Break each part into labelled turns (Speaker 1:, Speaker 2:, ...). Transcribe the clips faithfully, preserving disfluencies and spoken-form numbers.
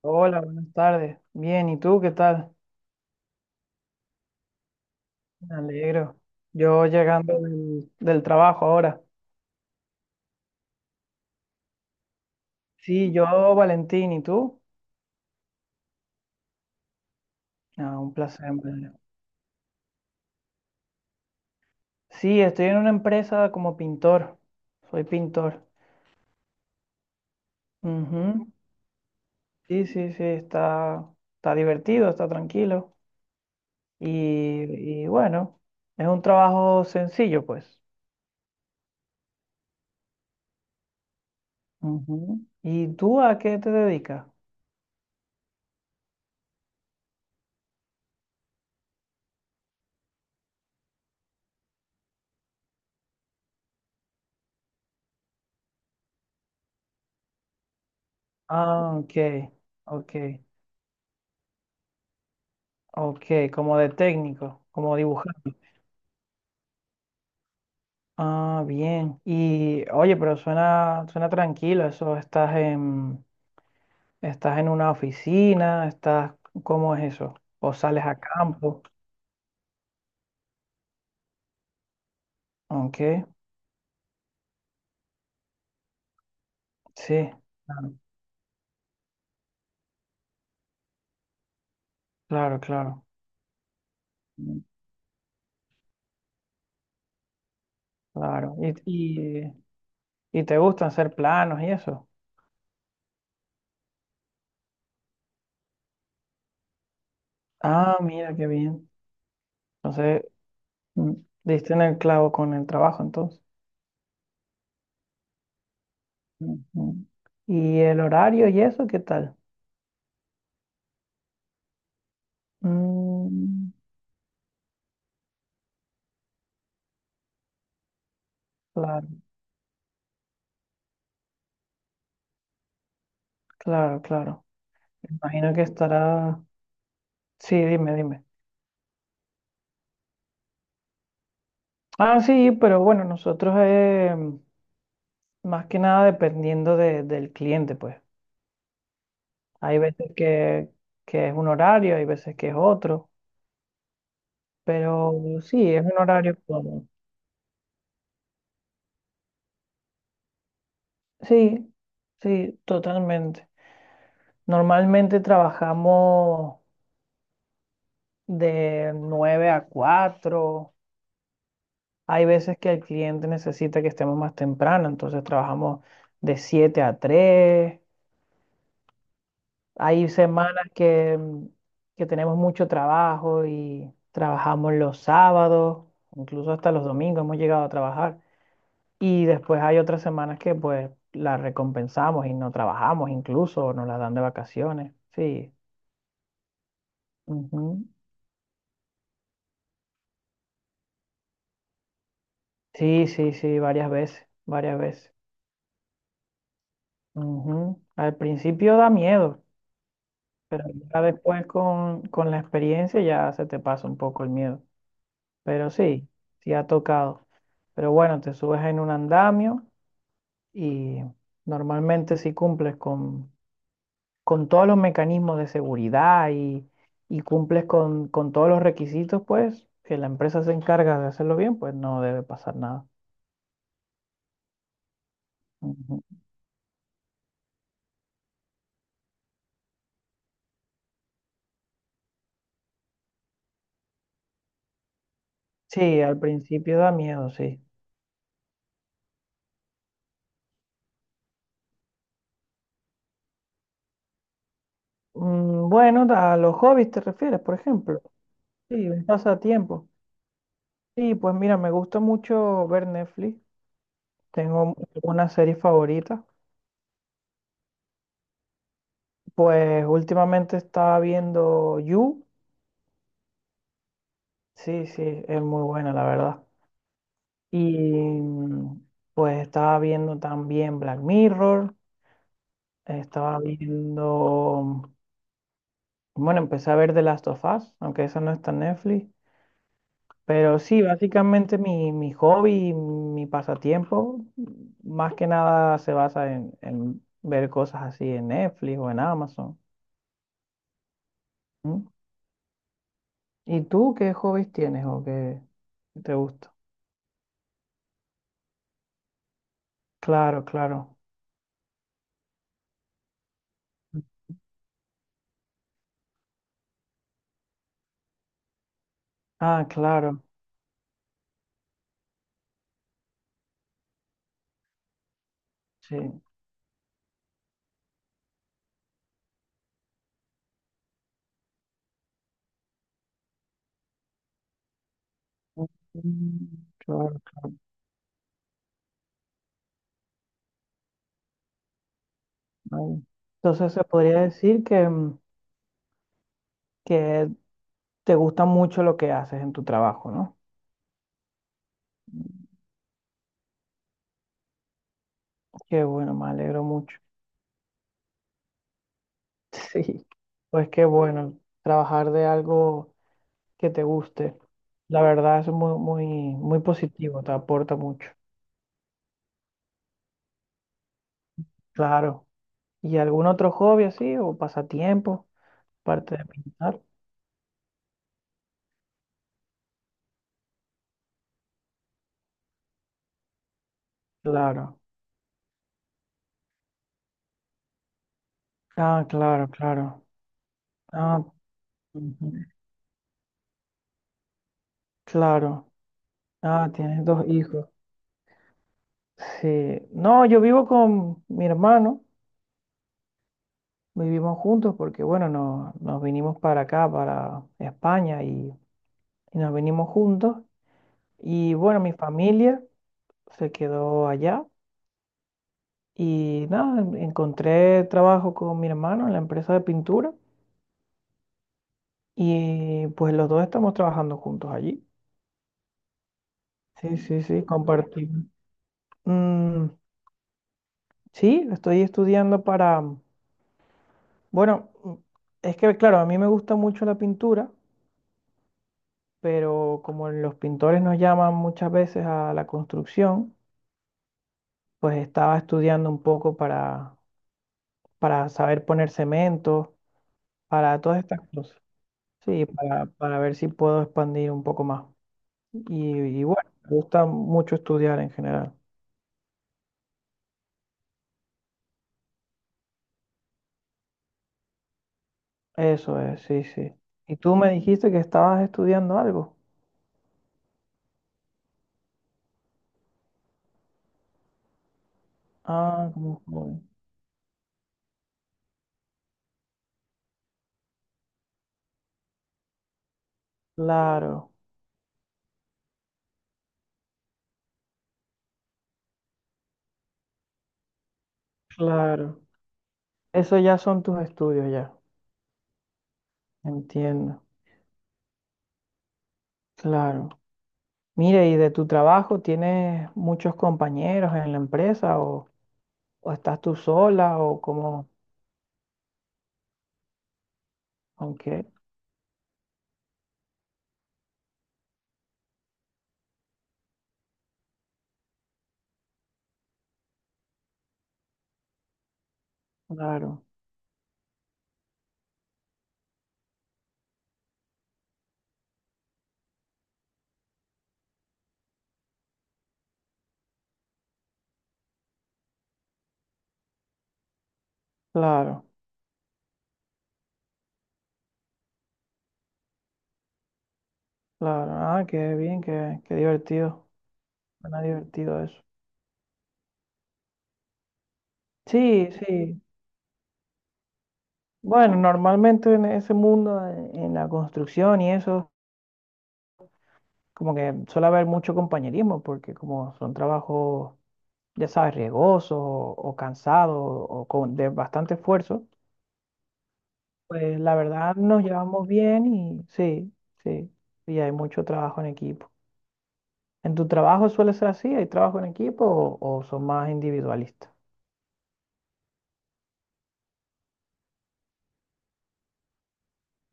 Speaker 1: Hola, buenas tardes. Bien, ¿y tú qué tal? Me alegro. Yo llegando del, del trabajo ahora. Sí, yo, Valentín, ¿y tú? Ah, un placer. En verdad. Sí, estoy en una empresa como pintor. Soy pintor. Ujú. Sí, sí, sí, está, está divertido, está tranquilo. Y, y bueno, es un trabajo sencillo, pues. Ujú. ¿Y tú a qué te dedicas? Ah, ok, ok, ok, como de técnico, como dibujar. Ah, bien. Y oye, pero suena, suena tranquilo eso. ¿Estás en, estás en una oficina? ¿Estás, cómo es eso? ¿O sales a campo? Ok, sí. Claro, claro, claro. Mm, claro. ¿Y, y, y te gusta hacer planos y eso? Ah, mira, qué bien. Entonces, mm, diste en el clavo con el trabajo, entonces. Ujú. ¿Y el horario y eso, qué tal? Mm, claro, claro, claro. Imagino que estará. Sí, dime, dime. Ah, sí, pero bueno, nosotros eh, más que nada dependiendo de- del cliente, pues. Hay veces que, que es un horario, hay veces que es otro, pero sí, es un horario cómodo. Sí, sí, totalmente. Normalmente trabajamos de nueve a cuatro. Hay veces que el cliente necesita que estemos más temprano, entonces trabajamos de siete a tres. Hay semanas que, mm, que tenemos mucho trabajo y trabajamos los sábados, incluso hasta los domingos hemos llegado a trabajar. Y después hay otras semanas que pues las recompensamos y no trabajamos incluso, o nos las dan de vacaciones. Sí. Ujú. Sí, sí, sí, varias veces, varias veces. Ujú. Al principio da miedo, pero ya después con, con la experiencia ya se te pasa un poco el miedo. Pero sí, sí ha tocado. Pero bueno, te subes en un andamio y normalmente si cumples con, con todos los mecanismos de seguridad y, y cumples con, con todos los requisitos, pues que la empresa se encarga de hacerlo bien, pues no debe pasar nada. Ujú. Sí, al principio da miedo, sí. Mm, bueno, a los hobbies te refieres, por ejemplo. Sí, un pasatiempo. Sí, pues mira, me gusta mucho ver Netflix. Tengo una serie favorita. Pues últimamente estaba viendo You. Sí, sí, es muy buena, la verdad. Y mm, pues estaba viendo también Black Mirror. Estaba viendo. Bueno, empecé a ver The Last of Us, aunque eso no está en Netflix. Pero sí, básicamente mi, mi hobby, mi pasatiempo, más que nada se basa en, en ver cosas así en Netflix o en Amazon. ¿Mm? ¿Y tú qué hobbies tienes o qué te gusta? Claro, claro. Ah, claro, sí. Mm, claro, claro. Ay. Entonces se podría decir que, mm, que te gusta mucho lo que haces en tu trabajo, ¿no? Qué bueno, me alegro mucho. Sí, pues qué bueno trabajar de algo que te guste. La verdad es muy, muy, muy positivo, te aporta mucho. Claro. ¿Y algún otro hobby así o pasatiempo, aparte de pintar? Claro. Ah, claro, claro. Ah, ujú. Claro. Ah, tienes dos hijos. Sí. No, yo vivo con mi hermano, vivimos juntos porque, bueno, nos, nos vinimos para acá, para España, y, y nos vinimos juntos. Y bueno, mi familia se quedó allá y nada, en- encontré trabajo con mi hermano en la empresa de pintura y pues los dos estamos trabajando juntos allí. Sí, sí, sí, compartimos. Mm, sí, estoy estudiando para, bueno, mm, es que claro, a mí me gusta mucho la pintura pero como los pintores nos llaman muchas veces a la construcción, pues estaba estudiando un poco para, para saber poner cemento, para todas estas cosas. Sí, para, para ver si puedo expandir un poco más. Y, y bueno, me gusta mucho estudiar en general. Eso es, sí, sí. Y tú me dijiste que estabas estudiando algo. Ah, como joven. Claro, claro. Eso ya son tus estudios ya. Entiendo. Claro. Mire, ¿y de tu trabajo tienes muchos compañeros en la empresa o, o estás tú sola o cómo? Aunque, claro, claro, claro. Ah, qué bien, qué, qué divertido. Suena divertido eso. Sí, sí. Bueno, normalmente en ese mundo, eh, en la construcción y eso, como que suele haber mucho compañerismo porque como son trabajos, ya sabes, riesgosos o, o cansados o con, de bastante esfuerzo. Pues la verdad nos llevamos bien y sí, sí, y hay mucho trabajo en equipo. ¿En tu trabajo suele ser así? ¿Hay trabajo en equipo o, o son más individualistas?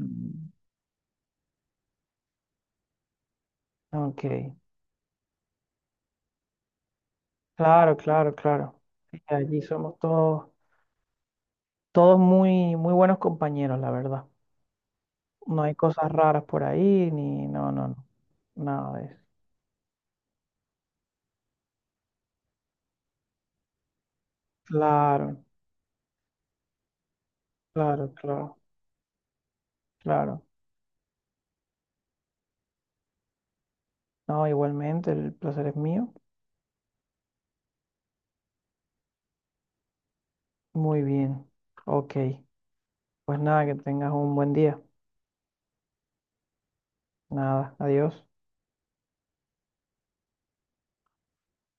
Speaker 1: Mm. Ok, claro, claro, claro. Sí, allí somos todos, todos muy, muy buenos compañeros, la verdad. No hay cosas raras por ahí, ni no, no, no, nada de eso. Claro, claro, claro, claro. No, igualmente, el placer es mío. Muy bien. Ok, pues nada, que tengas un buen día. Nada, adiós.